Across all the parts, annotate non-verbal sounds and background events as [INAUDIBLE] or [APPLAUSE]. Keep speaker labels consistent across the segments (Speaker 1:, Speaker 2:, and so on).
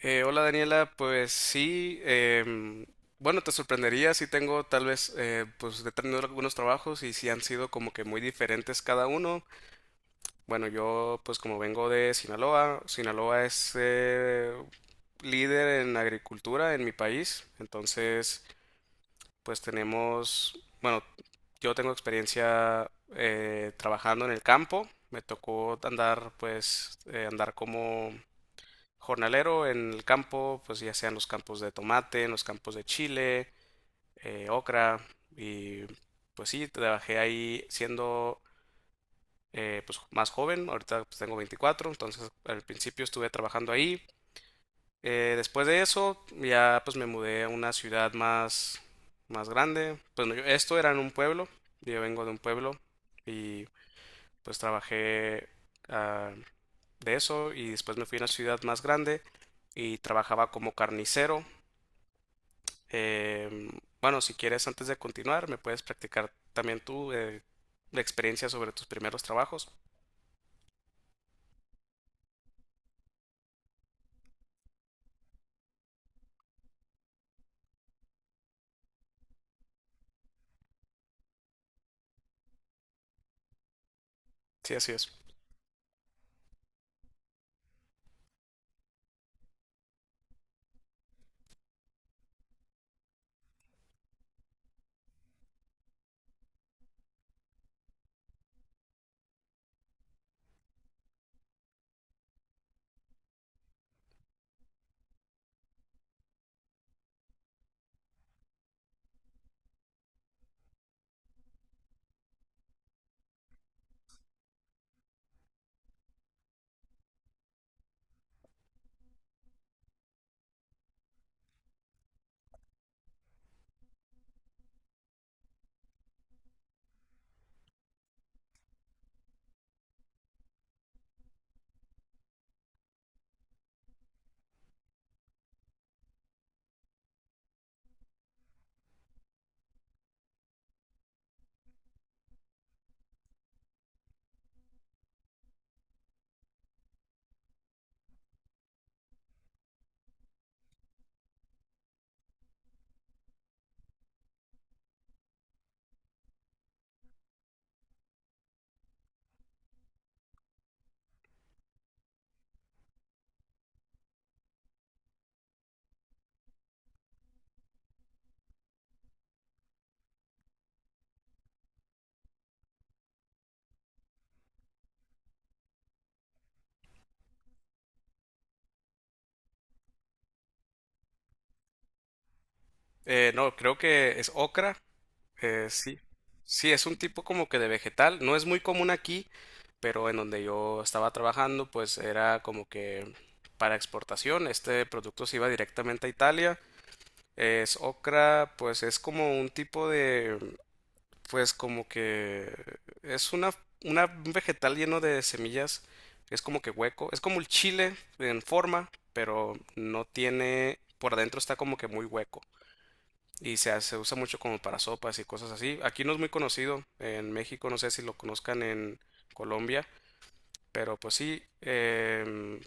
Speaker 1: Hola Daniela, pues sí, bueno, te sorprendería si tengo tal vez, pues he tenido algunos trabajos y si han sido como que muy diferentes cada uno. Bueno, yo pues como vengo de Sinaloa. Sinaloa es líder en agricultura en mi país, entonces pues tenemos, bueno, yo tengo experiencia trabajando en el campo. Me tocó andar pues andar como jornalero en el campo, pues ya sean los campos de tomate, en los campos de chile, ocra, y pues sí, trabajé ahí siendo pues más joven. Ahorita pues, tengo 24, entonces al principio estuve trabajando ahí. Después de eso, ya pues me mudé a una ciudad más, más grande. Pues no, esto era en un pueblo, yo vengo de un pueblo y pues trabajé ah, de eso, y después me fui a una ciudad más grande y trabajaba como carnicero. Em, bueno, si quieres, antes de continuar, me puedes practicar también tú la experiencia sobre tus primeros trabajos. Sí, así es. No, creo que es ocra. Sí. Sí, es un tipo como que de vegetal. No es muy común aquí, pero en donde yo estaba trabajando, pues era como que para exportación. Este producto se iba directamente a Italia. Es ocra. Pues es como un tipo de, pues como que, es una, un vegetal lleno de semillas, es como que hueco, es como el chile en forma, pero no tiene, por adentro está como que muy hueco y se, se usa mucho como para sopas y cosas así. Aquí no es muy conocido, en México, no sé si lo conozcan en Colombia, pero pues sí,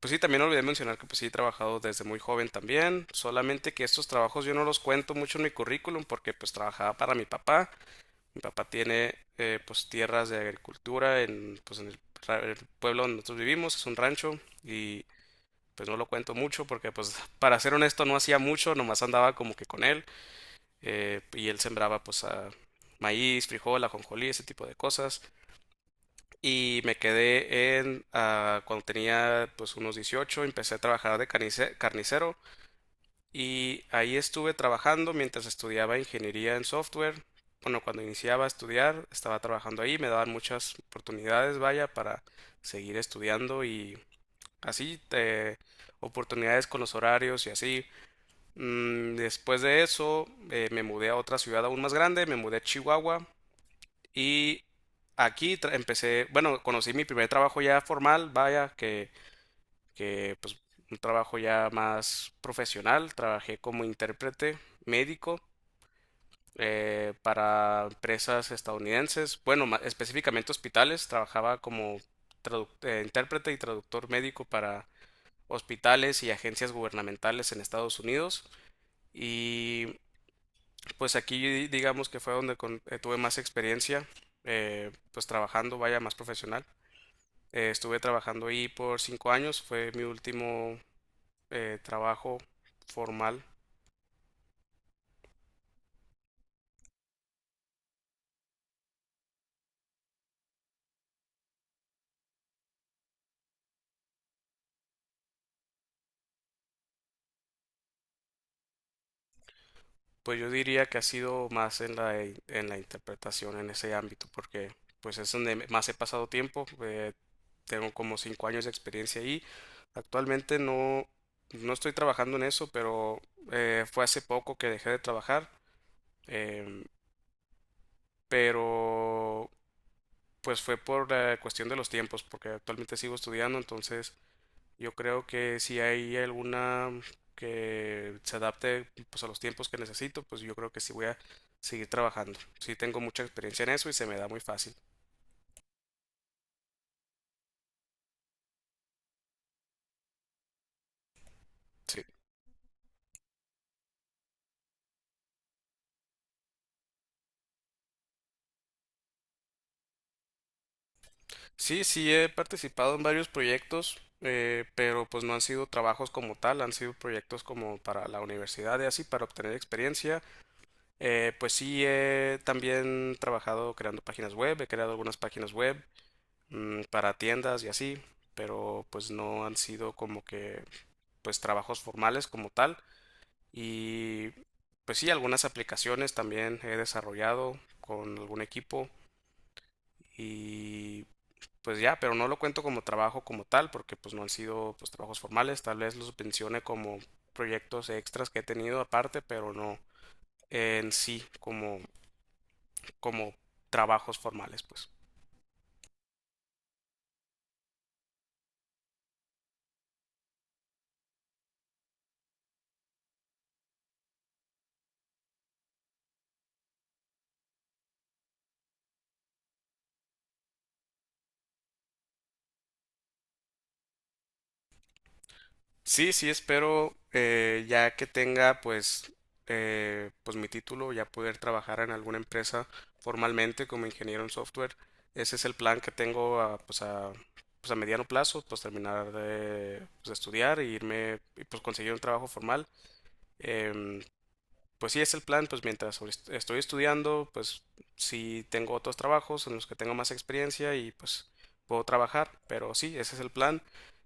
Speaker 1: pues sí, también olvidé mencionar que pues sí he trabajado desde muy joven también, solamente que estos trabajos yo no los cuento mucho en mi currículum porque pues trabajaba para mi papá. Mi papá tiene pues tierras de agricultura en, pues, en el, el pueblo donde nosotros vivimos, es un rancho, y pues no lo cuento mucho porque pues [LAUGHS] para ser honesto no hacía mucho, nomás andaba como que con él, y él sembraba pues maíz, frijol, ajonjolí, ese tipo de cosas. Y me quedé en cuando tenía pues unos 18, empecé a trabajar de carnicero y ahí estuve trabajando mientras estudiaba ingeniería en software. Bueno, cuando iniciaba a estudiar, estaba trabajando ahí, me daban muchas oportunidades, vaya, para seguir estudiando y así, oportunidades con los horarios y así. Después de eso, me mudé a otra ciudad aún más grande, me mudé a Chihuahua, y aquí empecé, bueno, conocí mi primer trabajo ya formal, vaya, que pues un trabajo ya más profesional. Trabajé como intérprete médico para empresas estadounidenses, bueno, específicamente hospitales. Trabajaba como intérprete y traductor médico para hospitales y agencias gubernamentales en Estados Unidos, y pues aquí digamos que fue donde tuve más experiencia, pues trabajando, vaya, más profesional. Estuve trabajando ahí por 5 años, fue mi último trabajo formal. Pues yo diría que ha sido más en la, en la interpretación, en ese ámbito, porque pues es donde más he pasado tiempo. Tengo como 5 años de experiencia ahí. Actualmente no, no estoy trabajando en eso, pero fue hace poco que dejé de trabajar. em, pero pues fue por la cuestión de los tiempos, porque actualmente sigo estudiando, entonces yo creo que si hay alguna que se adapte pues a los tiempos que necesito, pues yo creo que sí voy a seguir trabajando. Sí tengo mucha experiencia en eso y se me da muy fácil. Sí. Sí, sí he participado en varios proyectos, pero pues no han sido trabajos como tal, han sido proyectos como para la universidad y así, para obtener experiencia. Pues sí he también trabajado creando páginas web, he creado algunas páginas web, para tiendas y así, pero pues no han sido como que pues trabajos formales como tal, y pues sí, algunas aplicaciones también he desarrollado con algún equipo, y pues ya, pero no lo cuento como trabajo como tal porque pues no han sido pues trabajos formales. Tal vez los mencione como proyectos extras que he tenido aparte, pero no en sí como como trabajos formales, pues. Sí, sí, espero ya que tenga pues, pues mi título, ya poder trabajar en alguna empresa formalmente como ingeniero en software. Ese es el plan que tengo a, pues a, pues a mediano plazo, pues terminar de, pues, de estudiar e irme y pues conseguir un trabajo formal. Em, pues sí es el plan, pues mientras estoy estudiando, pues sí tengo otros trabajos en los que tengo más experiencia y pues puedo trabajar, pero sí, ese es el plan,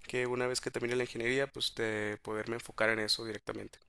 Speaker 1: que una vez que termine la ingeniería, pues de poderme enfocar en eso directamente.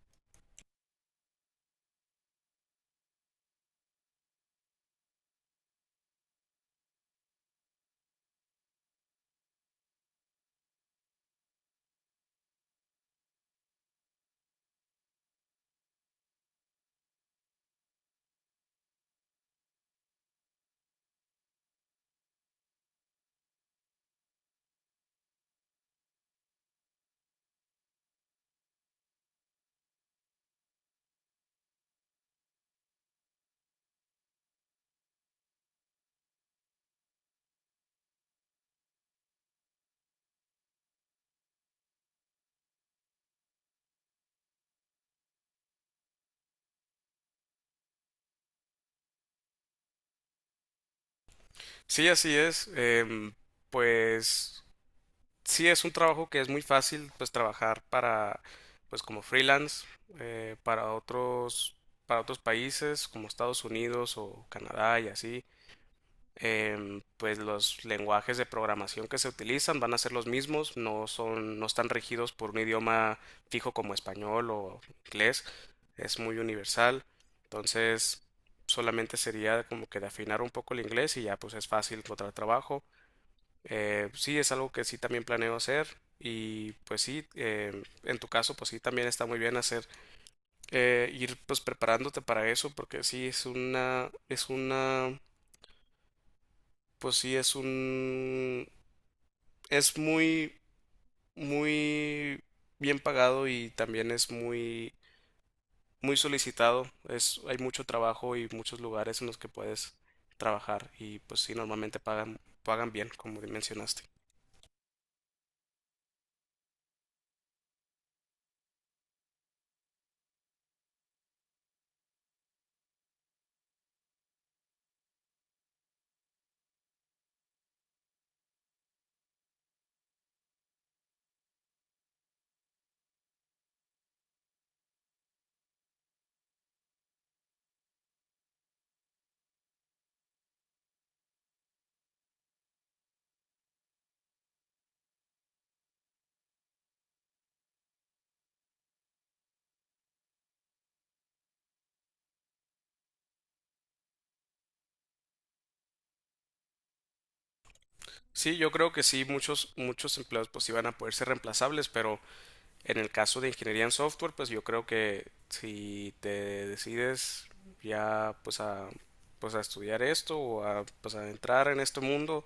Speaker 1: Sí, así es, pues sí es un trabajo que es muy fácil, pues trabajar para, pues como freelance, eh, para otros, para otros países como Estados Unidos o Canadá y así. Pues los lenguajes de programación que se utilizan van a ser los mismos, no son, no están regidos por un idioma fijo como español o inglés, es muy universal, entonces solamente sería como que de afinar un poco el inglés y ya pues es fácil encontrar trabajo. Sí, es algo que sí también planeo hacer, y pues sí, en tu caso pues sí también está muy bien hacer, ir pues preparándote para eso, porque sí es una, es una, pues sí es un, es muy, muy bien pagado, y también es muy, muy solicitado. Es, hay mucho trabajo y muchos lugares en los que puedes trabajar y pues sí, normalmente pagan, pagan bien, como mencionaste. Sí, yo creo que sí, muchos empleos pues iban a poder ser reemplazables, pero en el caso de ingeniería en software, pues yo creo que si te decides ya pues a, pues a estudiar esto o a, pues a entrar en este mundo,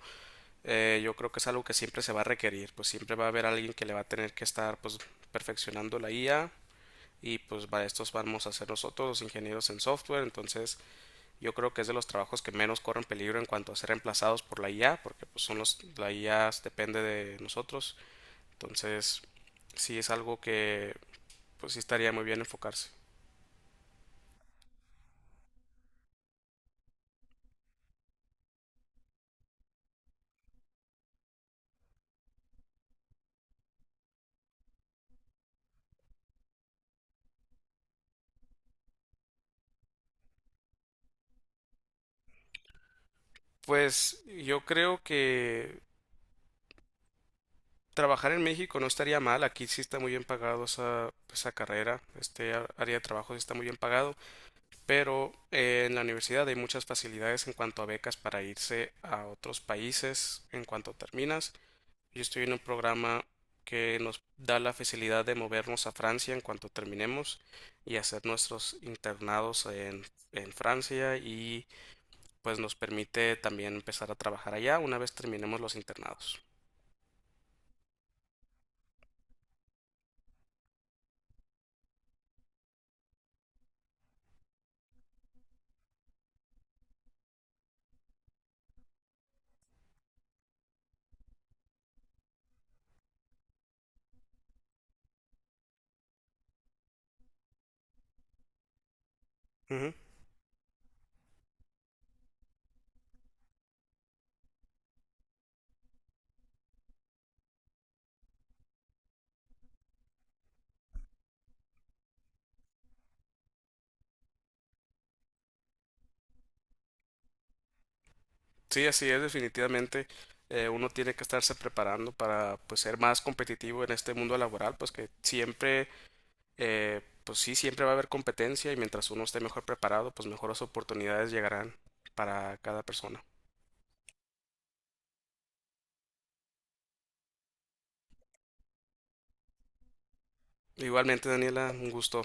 Speaker 1: yo creo que es algo que siempre se va a requerir, pues siempre va a haber alguien que le va a tener que estar pues perfeccionando la IA, y pues para estos vamos a ser nosotros los ingenieros en software, entonces yo creo que es de los trabajos que menos corren peligro en cuanto a ser reemplazados por la IA, porque pues son los, la IA depende de nosotros, entonces sí es algo que pues sí estaría muy bien enfocarse. Pues yo creo que trabajar en México no estaría mal, aquí sí está muy bien pagado esa, esa carrera, este área de trabajo sí está muy bien pagado. Pero en la universidad hay muchas facilidades en cuanto a becas para irse a otros países en cuanto terminas. Yo estoy en un programa que nos da la facilidad de movernos a Francia en cuanto terminemos y hacer nuestros internados en Francia, y pues nos permite también empezar a trabajar allá una vez terminemos los internados. Ujú. Sí, así es, definitivamente. Uno tiene que estarse preparando para pues ser más competitivo en este mundo laboral, pues que siempre pues sí, siempre va a haber competencia, y mientras uno esté mejor preparado, pues mejores oportunidades llegarán para cada persona. Igualmente, Daniela, un gusto.